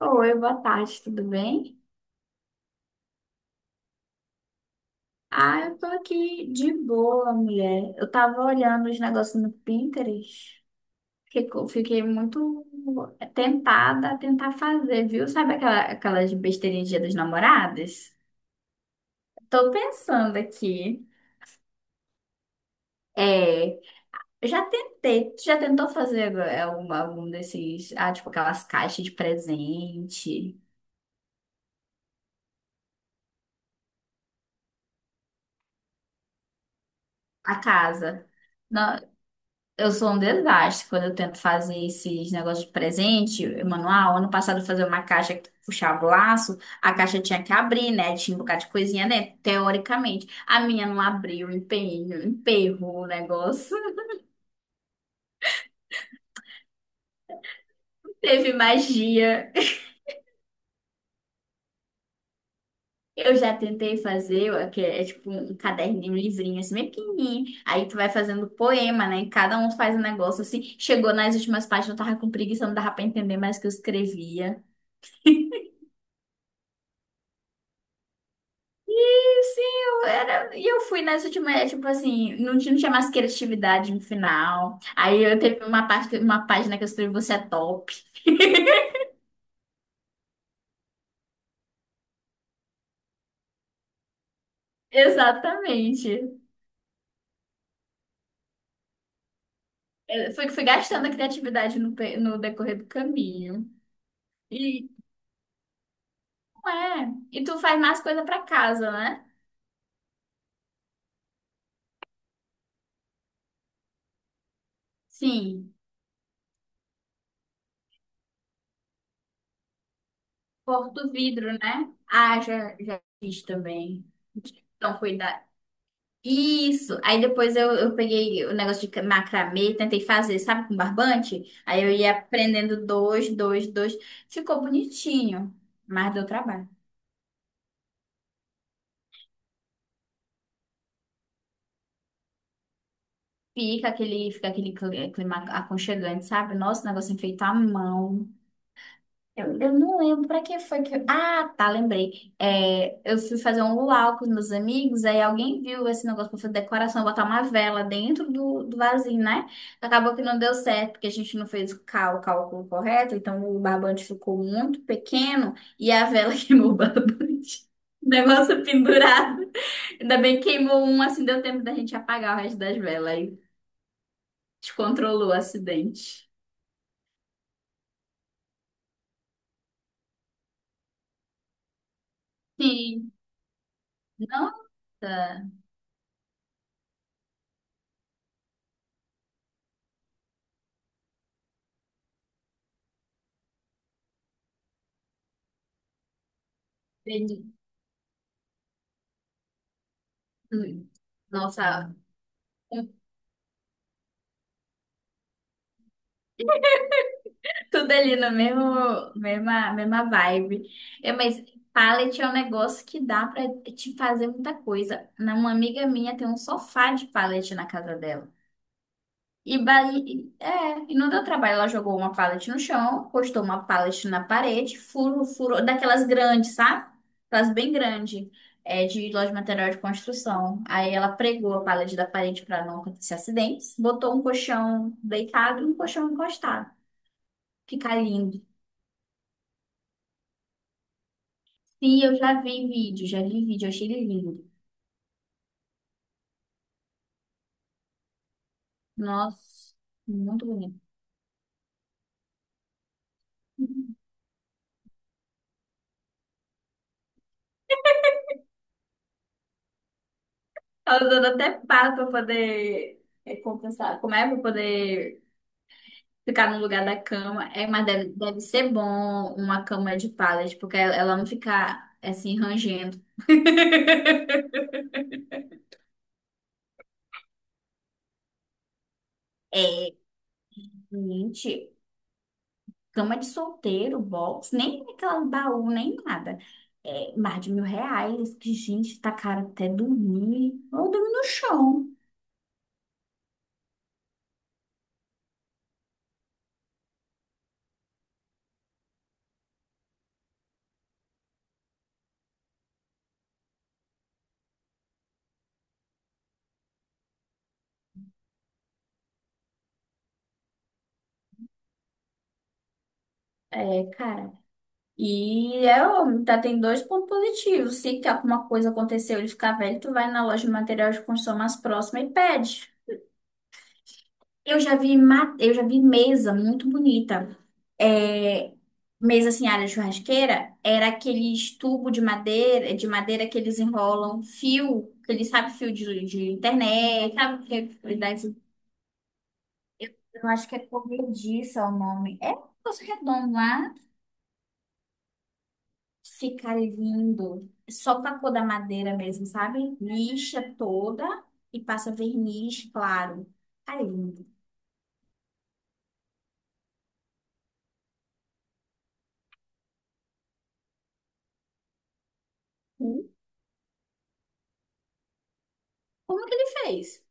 Oi, boa tarde, tudo bem? Ah, eu tô aqui de boa, mulher. Eu tava olhando os negócios no Pinterest, que eu fiquei muito tentada a tentar fazer, viu? Sabe aquelas besteirinhas de Dia dos namorados? Tô pensando aqui. É, eu já tentei. Tu já tentou fazer algum desses, ah, tipo aquelas caixas de presente, a casa? Eu sou um desastre quando eu tento fazer esses negócios de presente, manual. Ano passado eu fazia uma caixa que tu puxava o laço, a caixa tinha que abrir, né? Tinha um bocado de coisinha dentro, teoricamente. A minha não abriu, empenho, emperrou o negócio. Teve magia. Eu já tentei fazer, ó, que é tipo um caderninho, um livrinho assim, bem pequenininho. Aí tu vai fazendo poema, né? Cada um faz um negócio assim. Chegou nas últimas páginas, eu tava com preguiça, não dava pra entender mais o que eu escrevia. Sim, eu era. E eu fui nessa última, tipo assim, não tinha mais criatividade no final. Aí eu teve uma parte, uma página que eu escrevi Você é top. Exatamente. Fui gastando a criatividade no decorrer do caminho. E não é. E tu faz mais coisa pra casa, né? Sim. Porta o vidro, né? Ah, já fiz também. Então, cuida, isso. Aí depois eu peguei o negócio de macramê, tentei fazer, sabe, com barbante? Aí eu ia aprendendo dois. Ficou bonitinho, mas deu trabalho. Fica clima aconchegante, sabe? Nossa, o negócio é feito à mão. Eu não lembro pra que foi que. Ah, tá, lembrei. É, eu fui fazer um luau com os meus amigos, aí alguém viu esse negócio pra fazer decoração, botar uma vela dentro do vasinho, né? Acabou que não deu certo, porque a gente não fez o cálculo correto, então o barbante ficou muito pequeno e a vela queimou o barbante. O negócio pendurado. Ainda bem que queimou um, assim deu tempo da gente apagar o resto das velas. Aí descontrolou o acidente. Sim. Nossa. Beni- hum. Nossa, tudo ali na mesma, mesma vibe. É, mas pallet é um negócio que dá pra te fazer muita coisa. Uma amiga minha tem um sofá de pallet na casa dela. E não deu trabalho. Ela jogou uma pallet no chão, postou uma pallet na parede, furo, daquelas grandes, sabe? Aquelas bem grandes, é, de loja de material de construção. Aí ela pregou a pallet da parede para não acontecer acidentes, botou um colchão deitado e um colchão encostado. Fica lindo. Sim, eu já vi vídeo, eu achei ele lindo. Nossa, muito bonito. Ela usando até pá pra poder é, compensar. Como é pra poder ficar no lugar da cama? É, mas deve ser bom uma cama de pallet, porque ela não fica assim rangendo. Gente, cama de solteiro, box, nem aquela baú, nem nada. É, mais de R$ 1.000, que gente, tá caro até dormir. Ou dormir no chão. É, cara. E é óbvio, tá? Tem dois pontos positivos. Se que alguma coisa aconteceu, ele ficar velho, tu vai na loja de material de construção mais próxima e pede. Eu já vi, eu já vi mesa muito bonita. É, mesa assim, área de churrasqueira, era aqueles tubo de madeira que eles enrolam, fio, que eles sabem fio de internet, sabe? Que dá eu acho que é corrediça o nome. É um negócio redondo lá. Fica lindo. Só com a cor da madeira mesmo, sabe? Lixa toda e passa verniz claro. Tá lindo. Hum. Como que ele fez?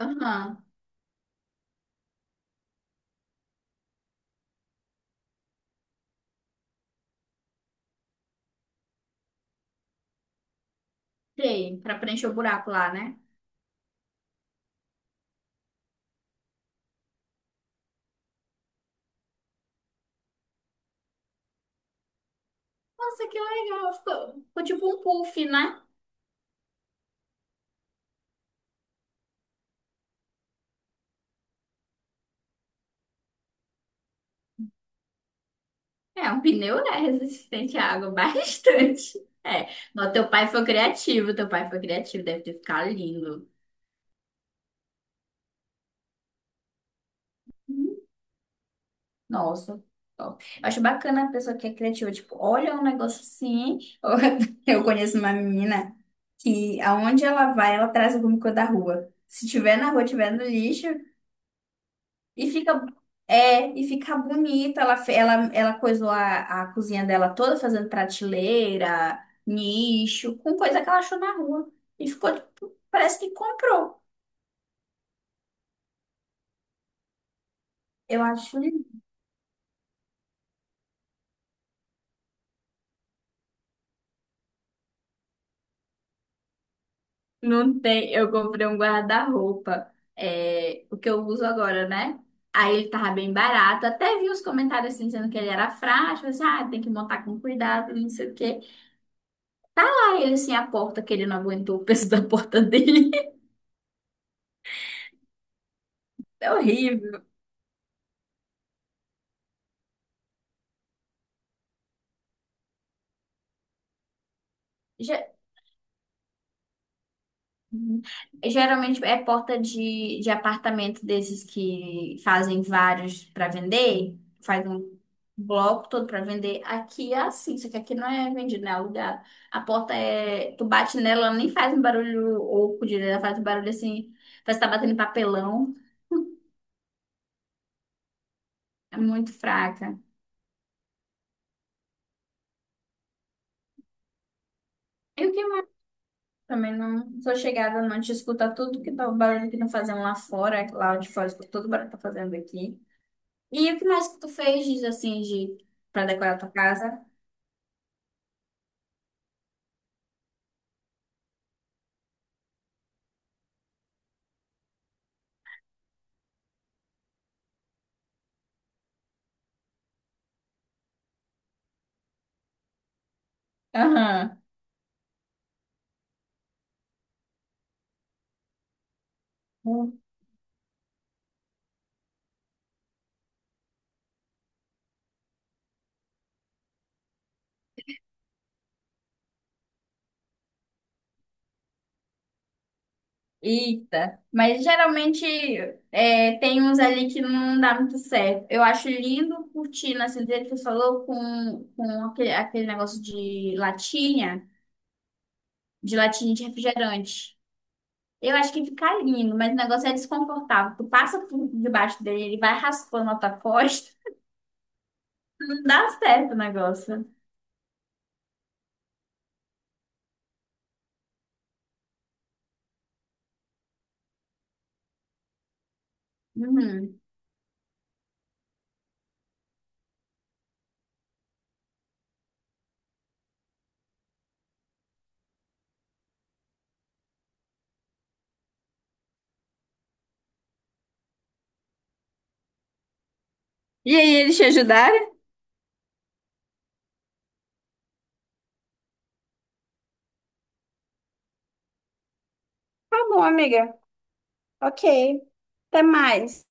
Aham. Tem, pra preencher o buraco lá, né? Nossa, que legal. Ficou tipo um puff, né? É, um pneu, né? Resistente à água, bastante. É. Não, teu pai foi criativo, teu pai foi criativo, deve ter ficado lindo. Nossa, top. Eu acho bacana a pessoa que é criativa, tipo, olha um negócio assim. Eu conheço uma menina que aonde ela vai, ela traz alguma coisa da rua. Se tiver na rua, tiver no lixo, e fica e fica bonita. Ela fe- ela ela coisou a cozinha dela toda fazendo prateleira, nicho, com coisa que ela achou na rua. E ficou tipo, parece que comprou. Eu acho não tem, eu comprei um guarda-roupa, é, o que eu uso agora, né? Aí ele tava bem barato, até vi os comentários assim, dizendo que ele era frágil, assim, ah, tem que montar com cuidado, não sei o quê. Aí ele assim, a porta que ele não aguentou o peso da porta dele. É horrível. Já- Uhum. Geralmente é porta de apartamento desses que fazem vários para vender, faz um bloco todo para vender. Aqui é assim, só que aqui não é vendido, né? É alugado. A porta é. Tu bate nela, ela nem faz um barulho oco direito, ela faz um barulho assim, parece que tá batendo em papelão. É muito fraca. E o que mais? Também não sou chegada, não te escuta tudo que tá, o barulho que estão fazendo lá fora, lá de fora, escuta todo o barulho que tá fazendo aqui. E o que mais que tu fez, diz assim, de para decorar a tua casa? Aham. Hum. Eita. Mas geralmente é, tem uns ali que não dá muito certo. Eu acho lindo curtindo, assim, do jeito que tu falou, com, aquele negócio de latinha, de latinha de refrigerante. Eu acho que fica lindo, mas o negócio é desconfortável. Tu passa por debaixo dele, ele vai raspando a tua costa. Não dá certo o negócio. Uhum. E aí, eles te ajudaram? Tá bom, amiga. Ok. Até mais.